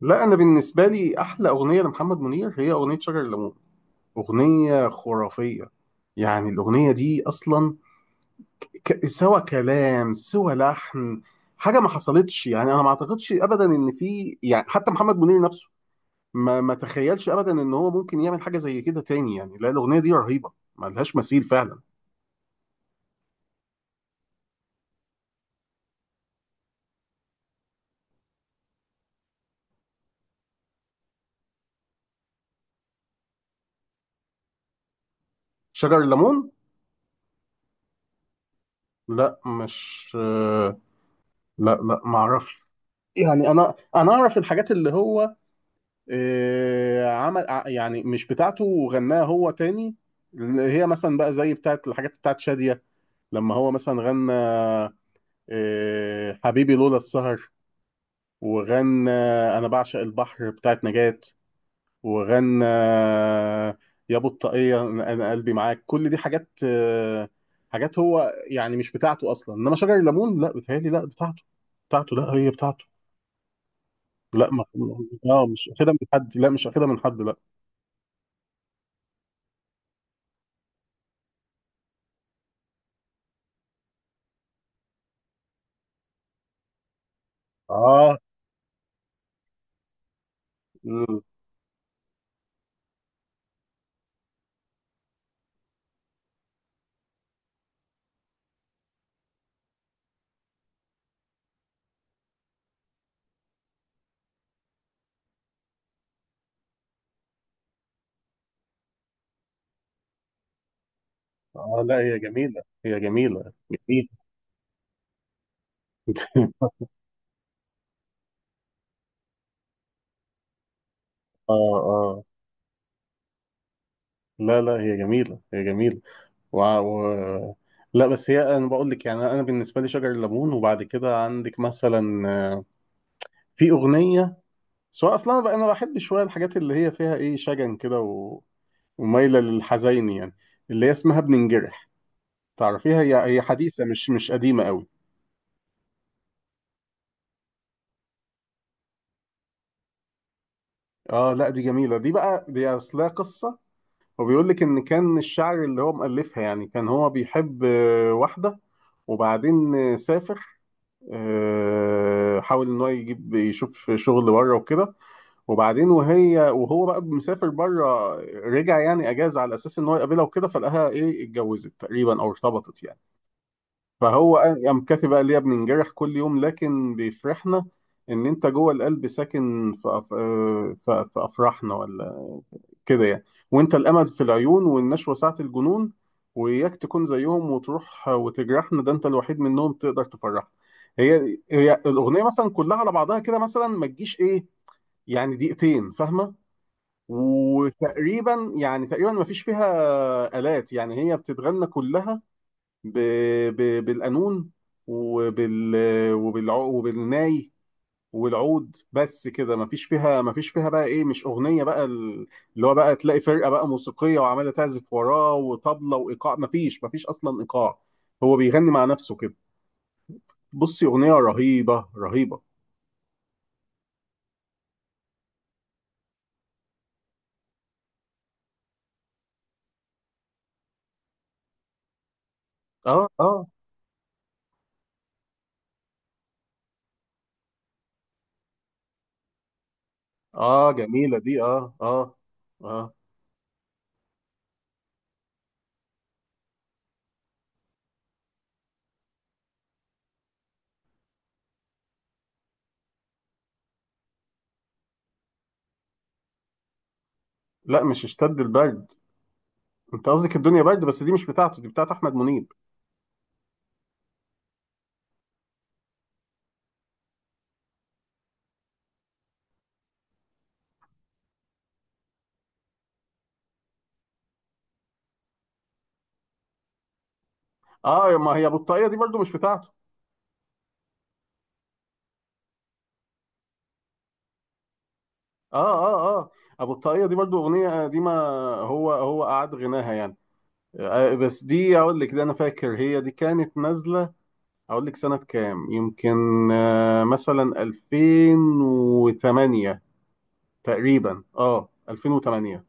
لا، انا بالنسبه لي احلى اغنيه لمحمد منير هي اغنيه شجر الليمون. اغنيه خرافيه. يعني الاغنيه دي اصلا سوى كلام سوى لحن. حاجه ما حصلتش، يعني انا ما اعتقدش ابدا ان في، يعني حتى محمد منير نفسه ما ما تخيلش ابدا ان هو ممكن يعمل حاجه زي كده تاني. يعني لا، الاغنيه دي رهيبه، ما لهاش مثيل فعلا. شجر الليمون. لا، مش لا لا، ما اعرفش. يعني انا اعرف الحاجات اللي هو عمل يعني مش بتاعته وغناها هو تاني، اللي هي مثلا بقى زي بتاعت الحاجات بتاعت شادية. لما هو مثلا غنى حبيبي لولا السهر، وغنى أنا بعشق البحر بتاعت نجاة، وغنى يا أبو الطاقية أنا أنا قلبي معاك. كل دي حاجات، حاجات هو يعني مش بتاعته أصلا. إنما شجر الليمون لا، بتهيألي لا بتاعته. بتاعته، لا هي بتاعته. لا ما. اه مش اخدها من حد، لا مش اخدها من حد لا. اه اه، لا هي جميلة، هي جميلة. جميلة. اه اه، لا لا، هي جميلة، هي جميلة. و... و... لا بس هي، انا بقول لك يعني انا بالنسبة لي شجر الليمون. وبعد كده عندك مثلا في أغنية. سواء اصلا، انا بقى انا بحب شوية الحاجات اللي هي فيها ايه، شجن كده ومايلة للحزين يعني، اللي هي اسمها بننجرح. تعرفيها؟ هي حديثة، مش قديمة قوي. اه، لا دي جميلة، دي بقى دي اصلها قصة. هو بيقول لك ان كان الشعر اللي هو مؤلفها يعني كان هو بيحب واحده، وبعدين سافر، حاول ان هو يجيب يشوف شغل بره وكده. وبعدين وهي وهو بقى مسافر بره، رجع يعني اجازه على اساس ان هو يقابلها وكده، فلقاها ايه، اتجوزت تقريبا او ارتبطت يعني. فهو قام كاتب قال: يا بننجرح كل يوم لكن بيفرحنا، ان انت جوه القلب ساكن في أف... آه، في افراحنا، ولا كده يعني. وانت الامل في العيون، والنشوة ساعة الجنون، واياك تكون زيهم وتروح وتجرحنا، ده انت الوحيد منهم تقدر تفرحنا. هي الاغنيه مثلا كلها على بعضها كده، مثلا ما تجيش ايه، يعني دقيقتين، فاهمه؟ وتقريبا يعني تقريبا ما فيش فيها آلات، يعني هي بتتغنى كلها ب... بالقانون، وبال وبالناي والعود بس كده. مفيش فيها، مفيش فيها بقى ايه، مش اغنيه بقى، اللي هو بقى تلاقي فرقه بقى موسيقيه وعماله تعزف وراه وطبله وايقاع. مفيش اصلا ايقاع، هو بيغني مع نفسه كده. بصي، اغنيه رهيبه رهيبه. اه اه اه، جميله دي، اه اه اه. لا مش اشتد البرد، انت قصدك الدنيا برد، بس دي مش بتاعته، دي بتاعت احمد منيب. اه، ما هي بطاقيه دي برضو مش بتاعته. اه اه اه، ابو الطاقية دي برضو اغنية قديمة، هو قعد غناها يعني. بس دي اقول لك ده، انا فاكر هي دي كانت نازلة. اقول لك سنة كام؟ يمكن مثلا 2008 تقريبا، اه 2008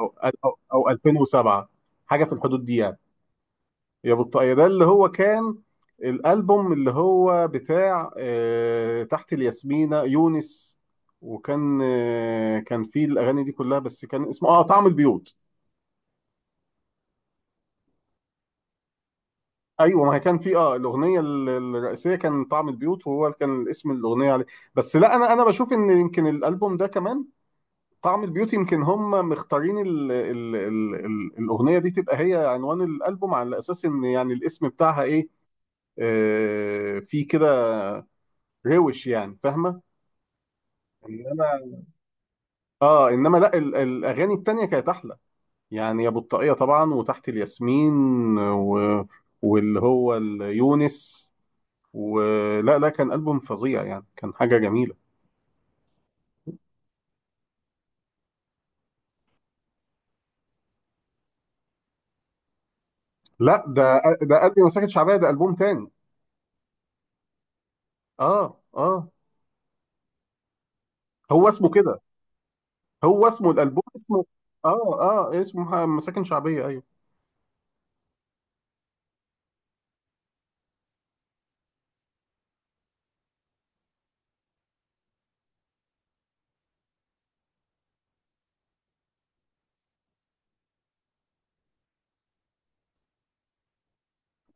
او او 2007، حاجة في الحدود دي يعني. يا بطاقية ده اللي هو كان الألبوم اللي هو بتاع تحت الياسمينة يونس. وكان كان فيه الأغاني دي كلها، بس كان اسمه اه طعم البيوت. ايوه، ما هي كان في اه الاغنيه الرئيسيه كان طعم البيوت، وهو كان اسم الاغنيه عليه. بس لا، انا بشوف ان يمكن الالبوم ده كمان طعم البيوت، يمكن هم مختارين ال الاغنيه دي تبقى هي عنوان الالبوم، على اساس ان يعني الاسم بتاعها ايه، في كده روش، يعني فاهمه. انما اه انما لا، الاغاني التانية كانت احلى، يعني يا بطاقية طبعا، وتحت الياسمين و... واللي هو يونس. ولا لا، كان البوم فظيع يعني، كان حاجة جميلة. لا، ده قلبي مساكن شعبية ده البوم تاني. اه اه، هو اسمه كده، هو اسمه الالبوم اسمه، اه اه اسمه مساكن شعبية ايوه.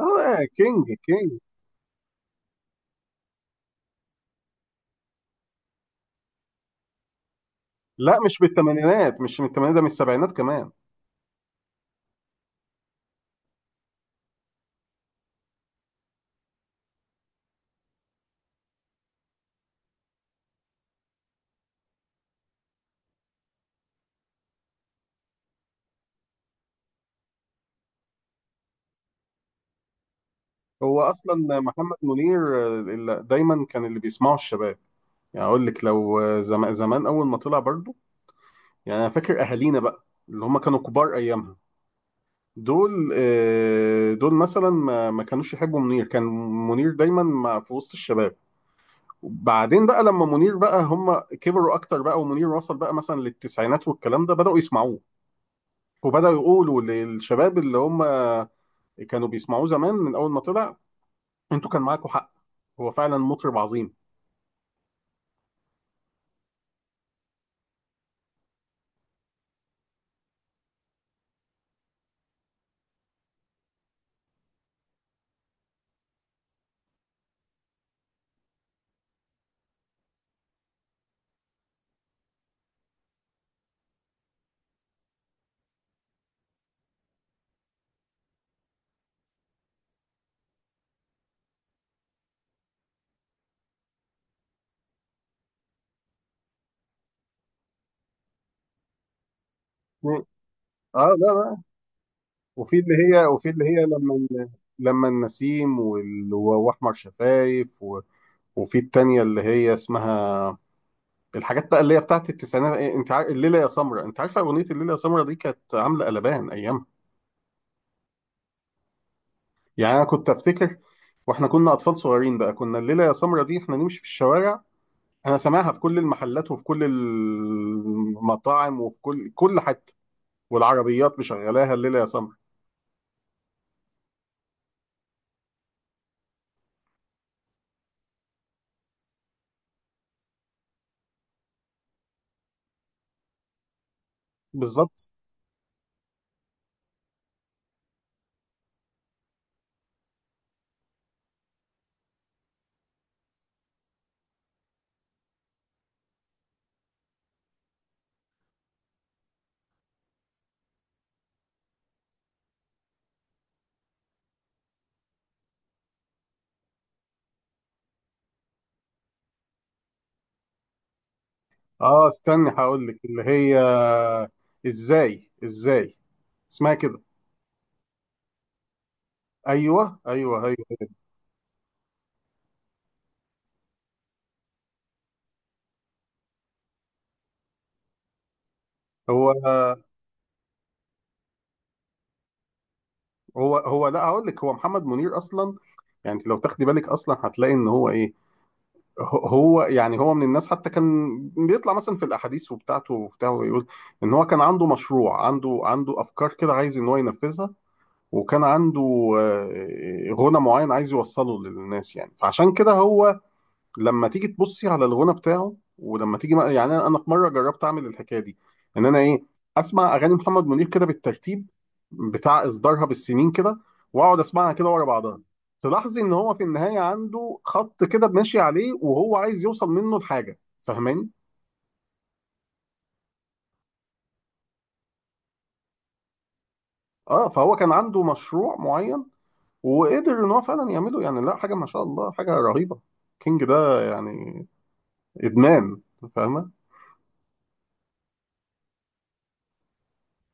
اه، كينج كينج. لا مش بالثمانينات، مش من الثمانينات، ده من السبعينات كمان. هو اصلا محمد منير اللي دايما كان اللي بيسمعه الشباب. يعني اقول لك لو زمان اول ما طلع برضو، يعني انا فاكر اهالينا بقى اللي هم كانوا كبار ايامها، دول دول مثلا ما ما كانوش يحبوا منير. كان منير دايما في وسط الشباب. وبعدين بقى لما منير بقى هم كبروا اكتر بقى، ومنير وصل بقى مثلا للتسعينات والكلام ده، بدأوا يسمعوه وبدأوا يقولوا للشباب اللي هم كانوا بيسمعوه زمان من اول ما طلع: انتوا كان معاكم حق، هو فعلا مطرب عظيم. اه لا لا. وفي اللي هي لما لما النسيم واحمر شفايف وفي التانية اللي هي اسمها، الحاجات بقى اللي هي بتاعت التسعينات إيه، انت عارف الليله يا سمرة؟ انت عارفه اغنيه الليله يا سمرة دي كانت عامله قلبان ايام؟ يعني انا كنت افتكر، واحنا كنا اطفال صغيرين بقى، كنا الليله يا سمرة دي احنا نمشي في الشوارع انا سامعها في كل المحلات، وفي كل المطاعم، وفي كل حته، والعربيات مشغلاها الليله يا سمرة. بالظبط. اه استني هقول لك اللي هي ازاي ازاي، اسمها كده. ايوه ايوه ايوه. هو هو لا هقول لك، هو محمد منير اصلا، يعني انت لو تاخدي بالك اصلا هتلاقي ان هو ايه، هو يعني هو من الناس حتى كان بيطلع مثلا في الاحاديث وبتاعته وبتاع ويقول ان هو كان عنده مشروع عنده افكار كده عايز ان هو ينفذها. وكان عنده غنى معين عايز يوصله للناس يعني، فعشان كده هو لما تيجي تبصي على الغنى بتاعه، ولما تيجي يعني انا في مره جربت اعمل الحكايه دي، ان انا ايه، اسمع اغاني محمد منير كده بالترتيب بتاع اصدارها بالسنين كده، واقعد اسمعها كده ورا بعضها، تلاحظي ان هو في النهايه عنده خط كده ماشي عليه وهو عايز يوصل منه لحاجه، فاهماني؟ اه فهو كان عنده مشروع معين، وقدر ان هو فعلا يعمله يعني. لا حاجه، ما شاء الله، حاجه رهيبه، كينج ده يعني. ادمان، فاهمه؟